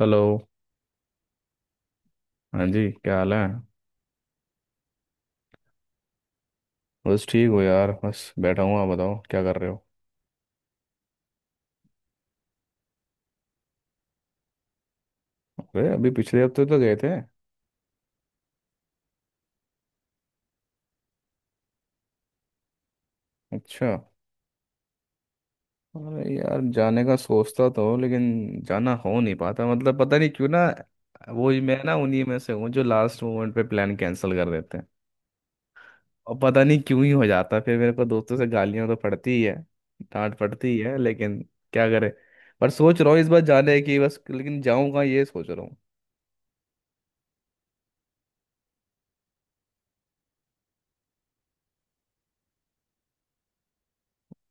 Hello. हाँ जी, क्या हाल है? बस ठीक हो यार, बस बैठा हूँ। आप बताओ, क्या कर रहे हो? अरे अभी पिछले हफ्ते तो गए थे। अच्छा। अरे यार, जाने का सोचता तो हूँ लेकिन जाना हो नहीं पाता। मतलब पता नहीं क्यों ना। वो ही, मैं ना उन्हीं में से हूँ जो लास्ट मोमेंट पे प्लान कैंसिल कर देते हैं। और पता नहीं क्यों ही हो जाता है। फिर मेरे को दोस्तों से गालियाँ तो पड़ती ही है, डांट पड़ती ही है लेकिन क्या करे। पर सोच रहा हूँ इस बार जाने की, बस लेकिन जाऊँगा, ये सोच रहा हूँ।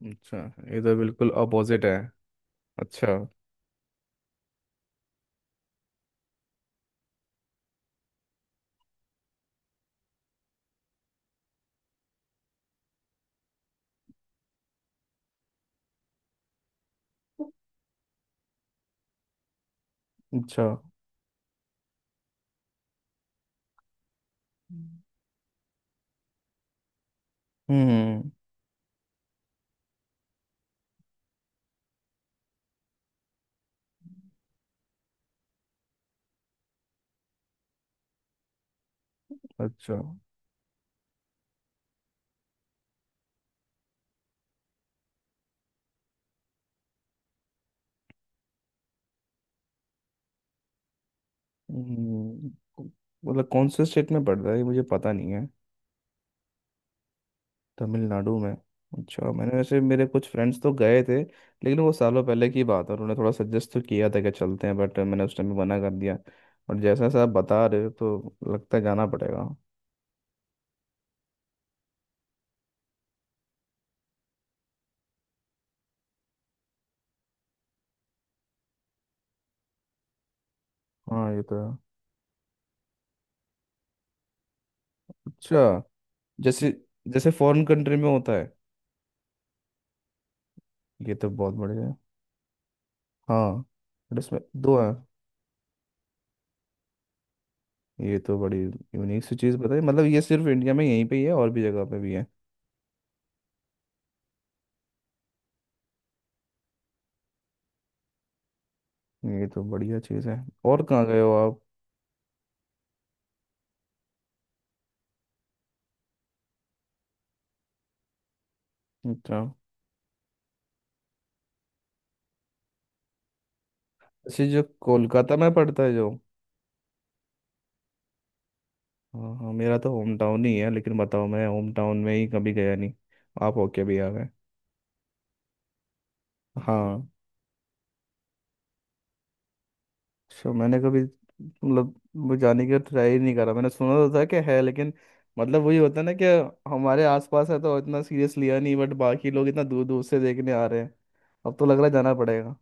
अच्छा, ये तो बिल्कुल अपोजिट है। अच्छा। अच्छा। हम्म। हम्म, अच्छा। हम्म, मतलब कौन से स्टेट में पड़ रहा है ये मुझे पता नहीं है। तमिलनाडु में? अच्छा। मैंने, वैसे मेरे कुछ फ्रेंड्स तो गए थे लेकिन वो सालों पहले की बात है। उन्होंने थोड़ा सजेस्ट तो किया था कि चलते हैं बट मैंने उस टाइम मना कर दिया। और जैसा जैसा आप बता रहे हो तो लगता है जाना पड़ेगा। हाँ ये तो है। अच्छा। जैसे, जैसे फॉरेन कंट्री में होता है। ये तो बहुत बढ़िया है। हाँ। बट इसमें दो है? ये तो बड़ी यूनिक सी चीज़ बताई। मतलब ये सिर्फ इंडिया में यहीं पे ही है, और भी जगह पे भी है? ये तो बढ़िया चीज़ है। और कहाँ गए हो आप? अच्छा। अच्छा, जो कोलकाता में पड़ता है जो? हाँ हाँ, मेरा तो होम टाउन ही है लेकिन बताओ मैं होम टाउन में ही कभी गया नहीं। आप होके भी आ गए। हाँ। सो मैंने कभी मतलब वो जाने की ट्राई नहीं करा। मैंने सुना तो था कि है लेकिन मतलब वही होता है ना कि हमारे आसपास है तो इतना सीरियस लिया नहीं, बट बाकी लोग इतना दूर दूर से देखने आ रहे हैं। अब तो लग रहा है जाना पड़ेगा।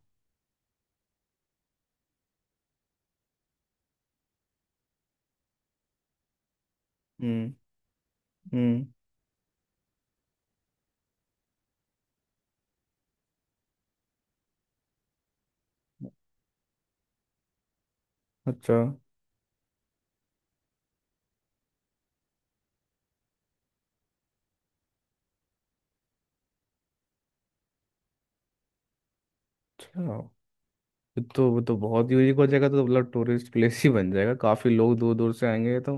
हम्म। हम्म। अच्छा। अच्छा, ये तो, वो तो बहुत यूनिक हो जाएगा तो। मतलब टूरिस्ट प्लेस ही बन जाएगा, काफ़ी लोग दूर दूर से आएंगे तो।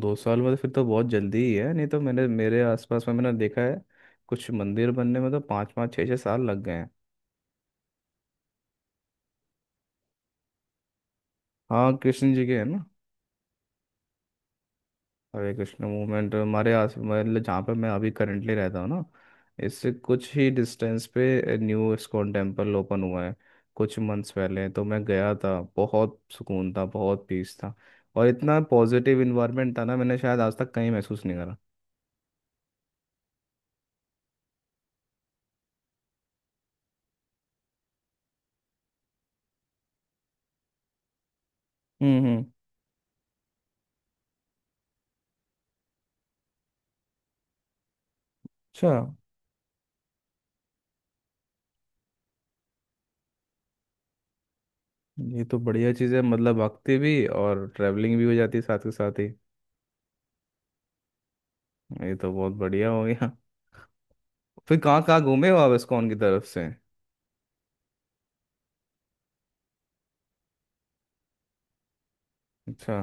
2 साल बाद? फिर तो बहुत जल्दी ही है। नहीं तो मैंने मेरे आसपास में मैंने देखा है कुछ मंदिर बनने में तो 5 5 6 6 साल लग गए हैं। हाँ, कृष्ण जी के है ना। हरे कृष्ण मूवमेंट हमारे आस, मतलब जहाँ पर मैं अभी करंटली रहता हूँ ना, इससे कुछ ही डिस्टेंस पे न्यू इस्कॉन टेम्पल ओपन हुआ है। कुछ मंथ्स पहले तो मैं गया था, बहुत सुकून था, बहुत पीस था। और इतना पॉजिटिव इन्वायरमेंट था ना, मैंने शायद आज तक कहीं महसूस नहीं करा। हम्म। हम्म। अच्छा, ये तो बढ़िया चीज़ है। मतलब भक्ति भी और ट्रैवलिंग भी हो जाती है साथ के साथ ही। ये तो बहुत बढ़िया हो गया। फिर कहाँ कहाँ घूमे हो आप इस्कॉन की तरफ से? अच्छा।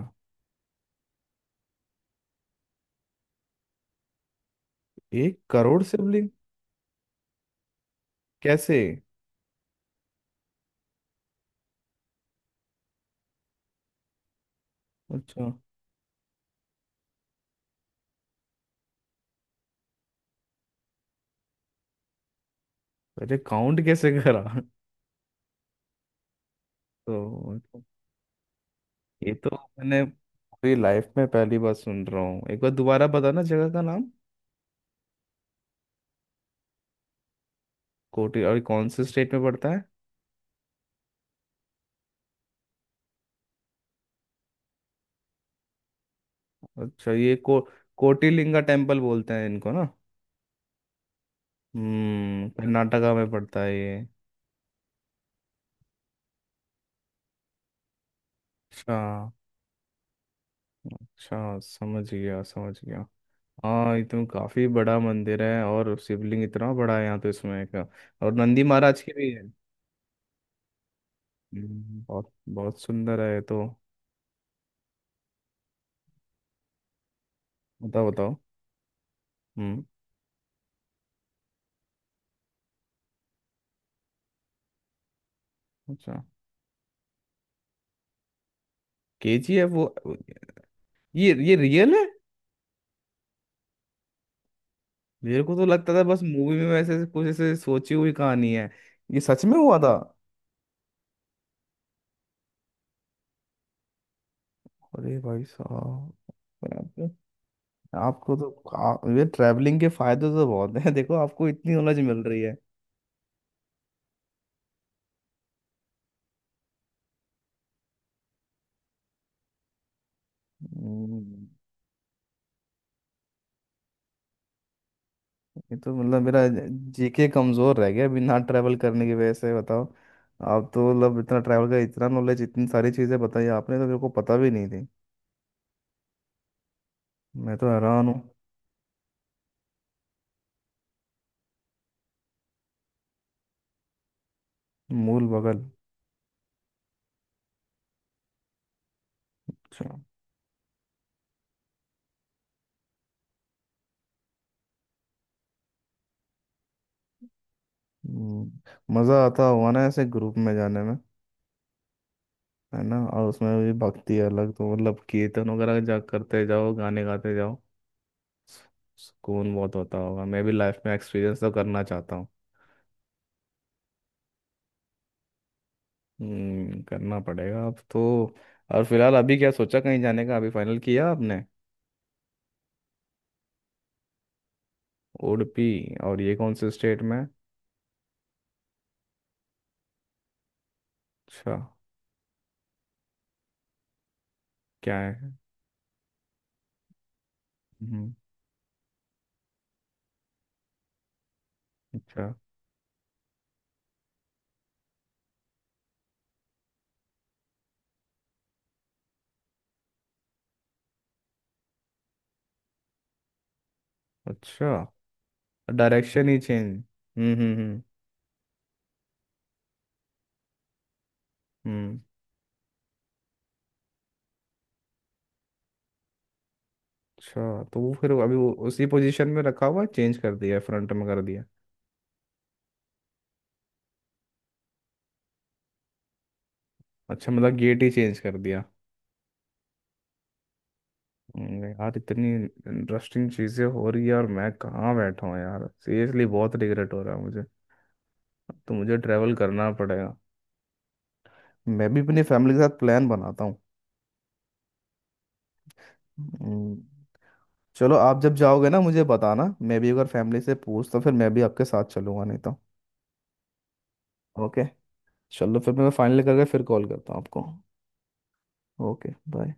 1 करोड़ शिवलिंग? कैसे? अच्छा। अरे काउंट कैसे करा? तो ये तो, मैंने पूरी लाइफ में पहली बार सुन रहा हूँ। एक बार दोबारा बताना जगह का नाम? कोटी? और कौन से स्टेट में पड़ता है? अच्छा, ये को कोटिलिंगा टेम्पल बोलते हैं इनको ना? हम्म, कर्नाटका में पड़ता है ये? अच्छा। अच्छा, समझ गया समझ गया। हाँ ये तो काफी बड़ा मंदिर है और शिवलिंग इतना बड़ा है यहाँ तो, इसमें का, और नंदी महाराज की भी है? बहुत बहुत सुंदर है ये तो। बताओ बताओ। हम्म। अच्छा। केजीएफ वो? ये रियल है? मेरे को तो लगता था बस मूवी में, वैसे ऐसे कुछ, ऐसे सोची हुई कहानी है। ये सच में हुआ था? अरे भाई साहब। आपको आपको तो, ये ट्रैवलिंग के फायदे तो बहुत हैं। देखो आपको इतनी नॉलेज मिल रही है। हम्म, ये तो मतलब मेरा जीके कमजोर रह गया बिना ट्रैवल करने की वजह से, बताओ। आप तो मतलब इतना ट्रैवल का, इतना नॉलेज, इतनी सारी चीजें बताई आपने, तो मेरे को पता भी नहीं थी। मैं तो हैरान हूँ। मूल बगल? अच्छा। हम्म, मज़ा आता हुआ ना ऐसे ग्रुप में जाने में? है ना। और उसमें भी भक्ति अलग, तो मतलब कीर्तन वगैरह जा करते जाओ, गाने गाते जाओ। सुकून बहुत होता होगा। मैं भी लाइफ में एक्सपीरियंस तो करना चाहता हूँ। करना पड़ेगा अब तो। और फिलहाल अभी क्या सोचा कहीं जाने का? अभी फाइनल किया आपने? उडुपी? और ये कौन से स्टेट में? अच्छा। क्या है? हम्म। अच्छा। अच्छा। डायरेक्शन ही चेंज? हम्म। हम्म। हम्म। हम्म। अच्छा, तो वो फिर अभी वो उसी पोजीशन में रखा हुआ है, चेंज कर दिया, फ्रंट में कर दिया? अच्छा, मतलब गेट ही चेंज कर दिया? यार, इतनी इंटरेस्टिंग चीज़ें हो रही है और मैं कहाँ बैठा हूँ यार। सीरियसली बहुत रिग्रेट हो रहा है मुझे। अब तो मुझे ट्रैवल करना पड़ेगा। मैं भी अपनी फैमिली के साथ प्लान बनाता हूँ। हम्म, चलो आप जब जाओगे ना मुझे बताना, मैं भी अगर फैमिली से पूछ तो फिर मैं भी आपके साथ चलूंगा नहीं तो। ओके। चलो फिर मैं फाइनल करके फिर कॉल करता हूँ आपको। ओके। बाय।